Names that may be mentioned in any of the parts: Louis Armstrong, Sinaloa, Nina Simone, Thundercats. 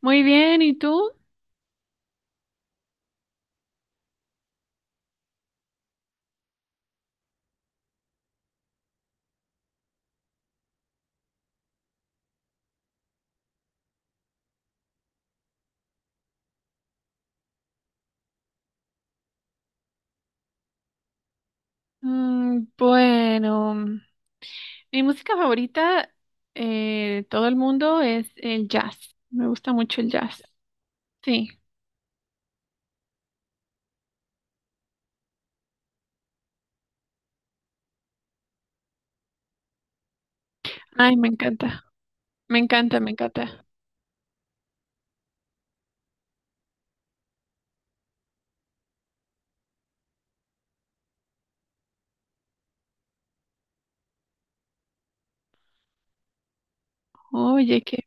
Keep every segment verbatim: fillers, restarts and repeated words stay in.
Muy bien, ¿y tú? Mm, bueno, mi música favorita eh, de todo el mundo es el jazz. Me gusta mucho el jazz. Sí. Ay, me encanta. Me encanta, me encanta. Oye, qué,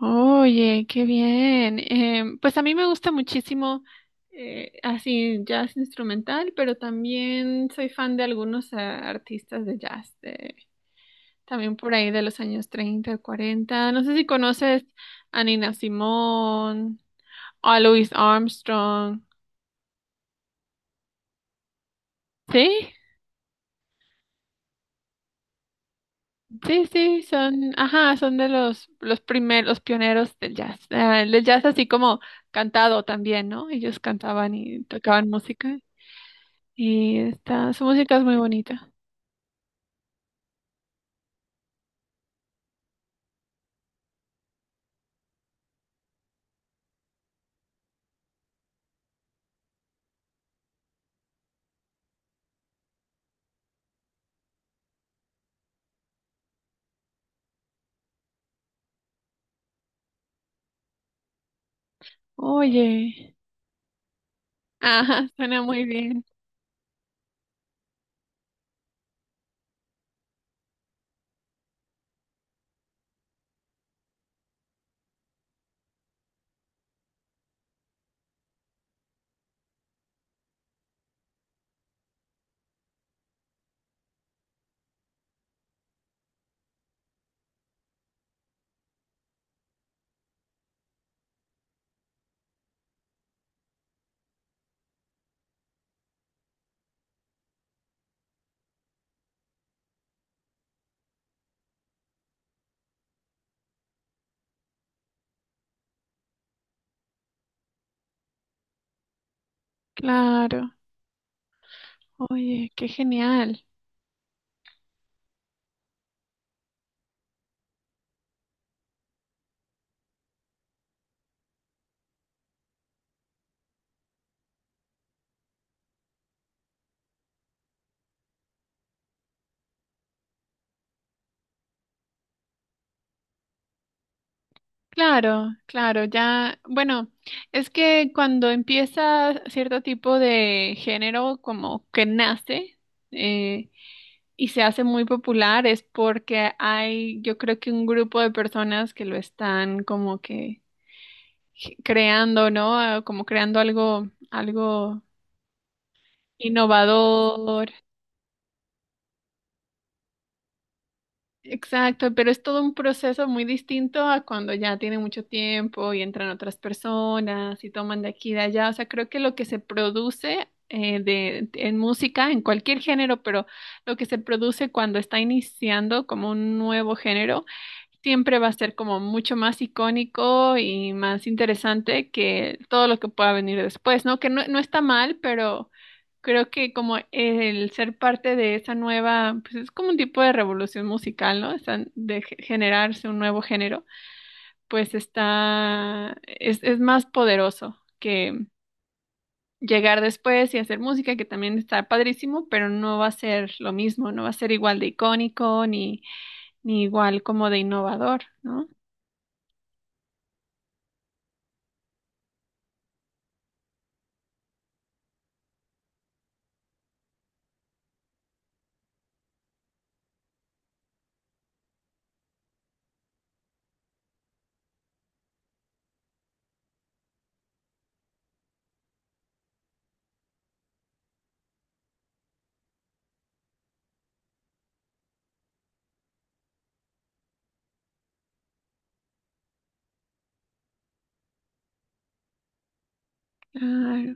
oye, qué bien. Em, pues a mí me gusta muchísimo eh, así jazz instrumental, pero también soy fan de algunos eh, artistas de jazz. También por ahí de los años treinta, cuarenta. No sé si conoces a Nina Simone, a Louis Armstrong. Sí, sí, sí, son, ajá, son de los, los primeros, los pioneros del jazz. Eh, el jazz así como cantado también, ¿no? Ellos cantaban y tocaban música. Y esta, su música es muy bonita. Oye, ajá, suena muy bien. Claro. Oye, qué genial. Claro, claro, ya, bueno, es que cuando empieza cierto tipo de género como que nace eh, y se hace muy popular es porque hay, yo creo que un grupo de personas que lo están como que ge- creando, ¿no? Ah, como creando algo, algo innovador. Exacto, pero es todo un proceso muy distinto a cuando ya tiene mucho tiempo y entran otras personas y toman de aquí y de allá. O sea, creo que lo que se produce eh, de, en música, en cualquier género, pero lo que se produce cuando está iniciando como un nuevo género, siempre va a ser como mucho más icónico y más interesante que todo lo que pueda venir después, ¿no? Que no, no está mal, pero... Creo que como el ser parte de esa nueva, pues es como un tipo de revolución musical, ¿no? Están de ge- generarse un nuevo género, pues está, es, es más poderoso que llegar después y hacer música, que también está padrísimo, pero no va a ser lo mismo, no va a ser igual de icónico ni, ni igual como de innovador, ¿no? Ah,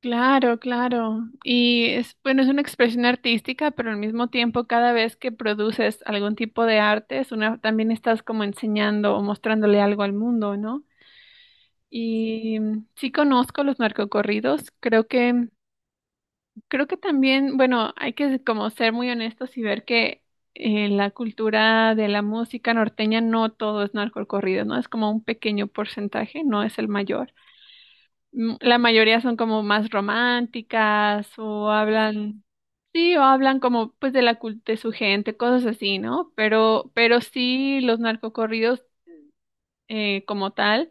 claro, claro. Y es, bueno, es una expresión artística, pero al mismo tiempo cada vez que produces algún tipo de arte, es una, también estás como enseñando o mostrándole algo al mundo, ¿no? Y mm, sí conozco los narcocorridos, creo que, creo que también, bueno, hay que como ser muy honestos y ver que en la cultura de la música norteña no todo es narcocorrido, ¿no? Es como un pequeño porcentaje, no es el mayor. mm, La mayoría son como más románticas o hablan, sí, o hablan como pues de la cul- de su gente, cosas así, ¿no? Pero, pero sí los narcocorridos eh, como tal,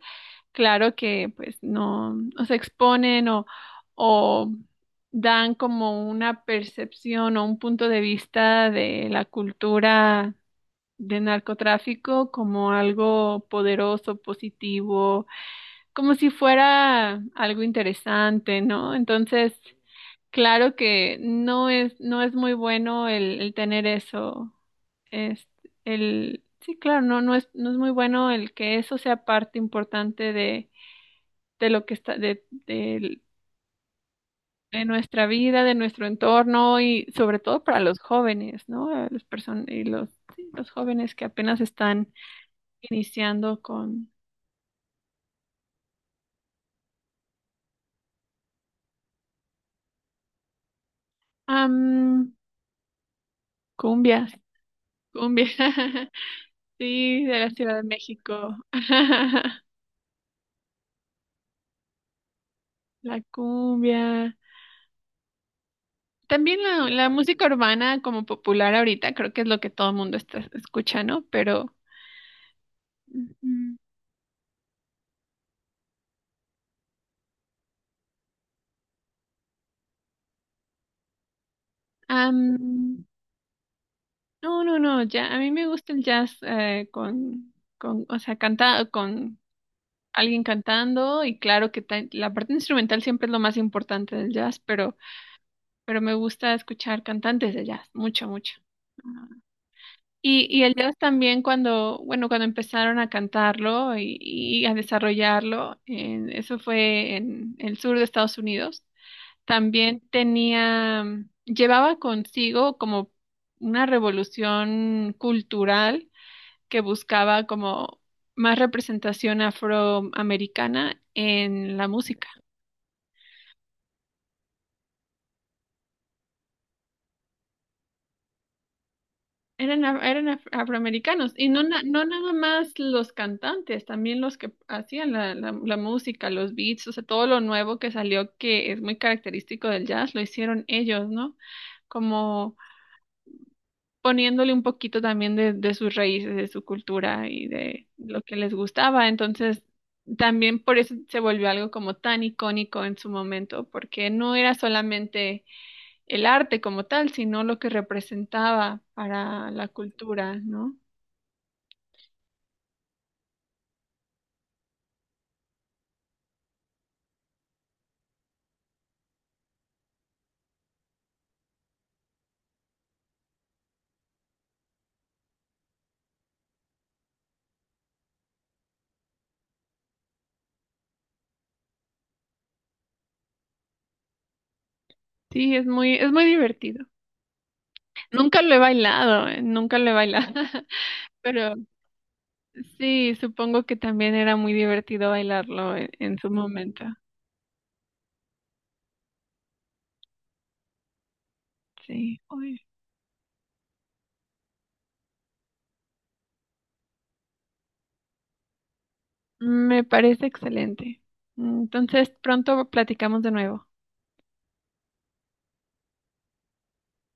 claro que pues no, o se exponen o, o dan como una percepción o un punto de vista de la cultura de narcotráfico como algo poderoso, positivo, como si fuera algo interesante, ¿no? Entonces, claro que no es, no es muy bueno el, el tener eso, es el, sí, claro, no, no es, no es muy bueno el que eso sea parte importante de, de lo que está, de, del- de nuestra vida, de nuestro entorno y sobre todo para los jóvenes, ¿no? A las personas y los, sí, los jóvenes que apenas están iniciando con, am, cumbias, cumbias. Sí, de la Ciudad de México. La cumbia. También la, la música urbana como popular ahorita, creo que es lo que todo el mundo está escuchando, pero... Ujú. Am, no, no, no, ya, a mí me gusta el jazz eh, con, con, o sea, cantado, con alguien cantando y claro que ta- la parte instrumental siempre es lo más importante del jazz, pero, pero me gusta escuchar cantantes de jazz, mucho, mucho. Y, y el jazz también cuando, bueno, cuando empezaron a cantarlo y, y a desarrollarlo, en- eso fue en el sur de Estados Unidos, también tenía, mm, llevaba consigo como una revolución cultural que buscaba como más representación afroamericana en la música. Eran, af- eran af- afroamericanos y no, na- no nada más los cantantes, también los que hacían la, la, la música, los beats, o sea, todo lo nuevo que salió que es muy característico del jazz, lo hicieron ellos, ¿no? Como poniéndole un poquito también de, de sus raíces, de su cultura y de lo que les gustaba. Entonces, también por eso se volvió algo como tan icónico en su momento, porque no era solamente el arte como tal, sino lo que representaba para la cultura, ¿no? Sí, es muy, es muy divertido. Nunca lo he bailado, eh, nunca lo he bailado, pero sí, supongo que también era muy divertido bailarlo en, en su momento. Sí. Uy, me parece excelente. Entonces, pronto platicamos de nuevo.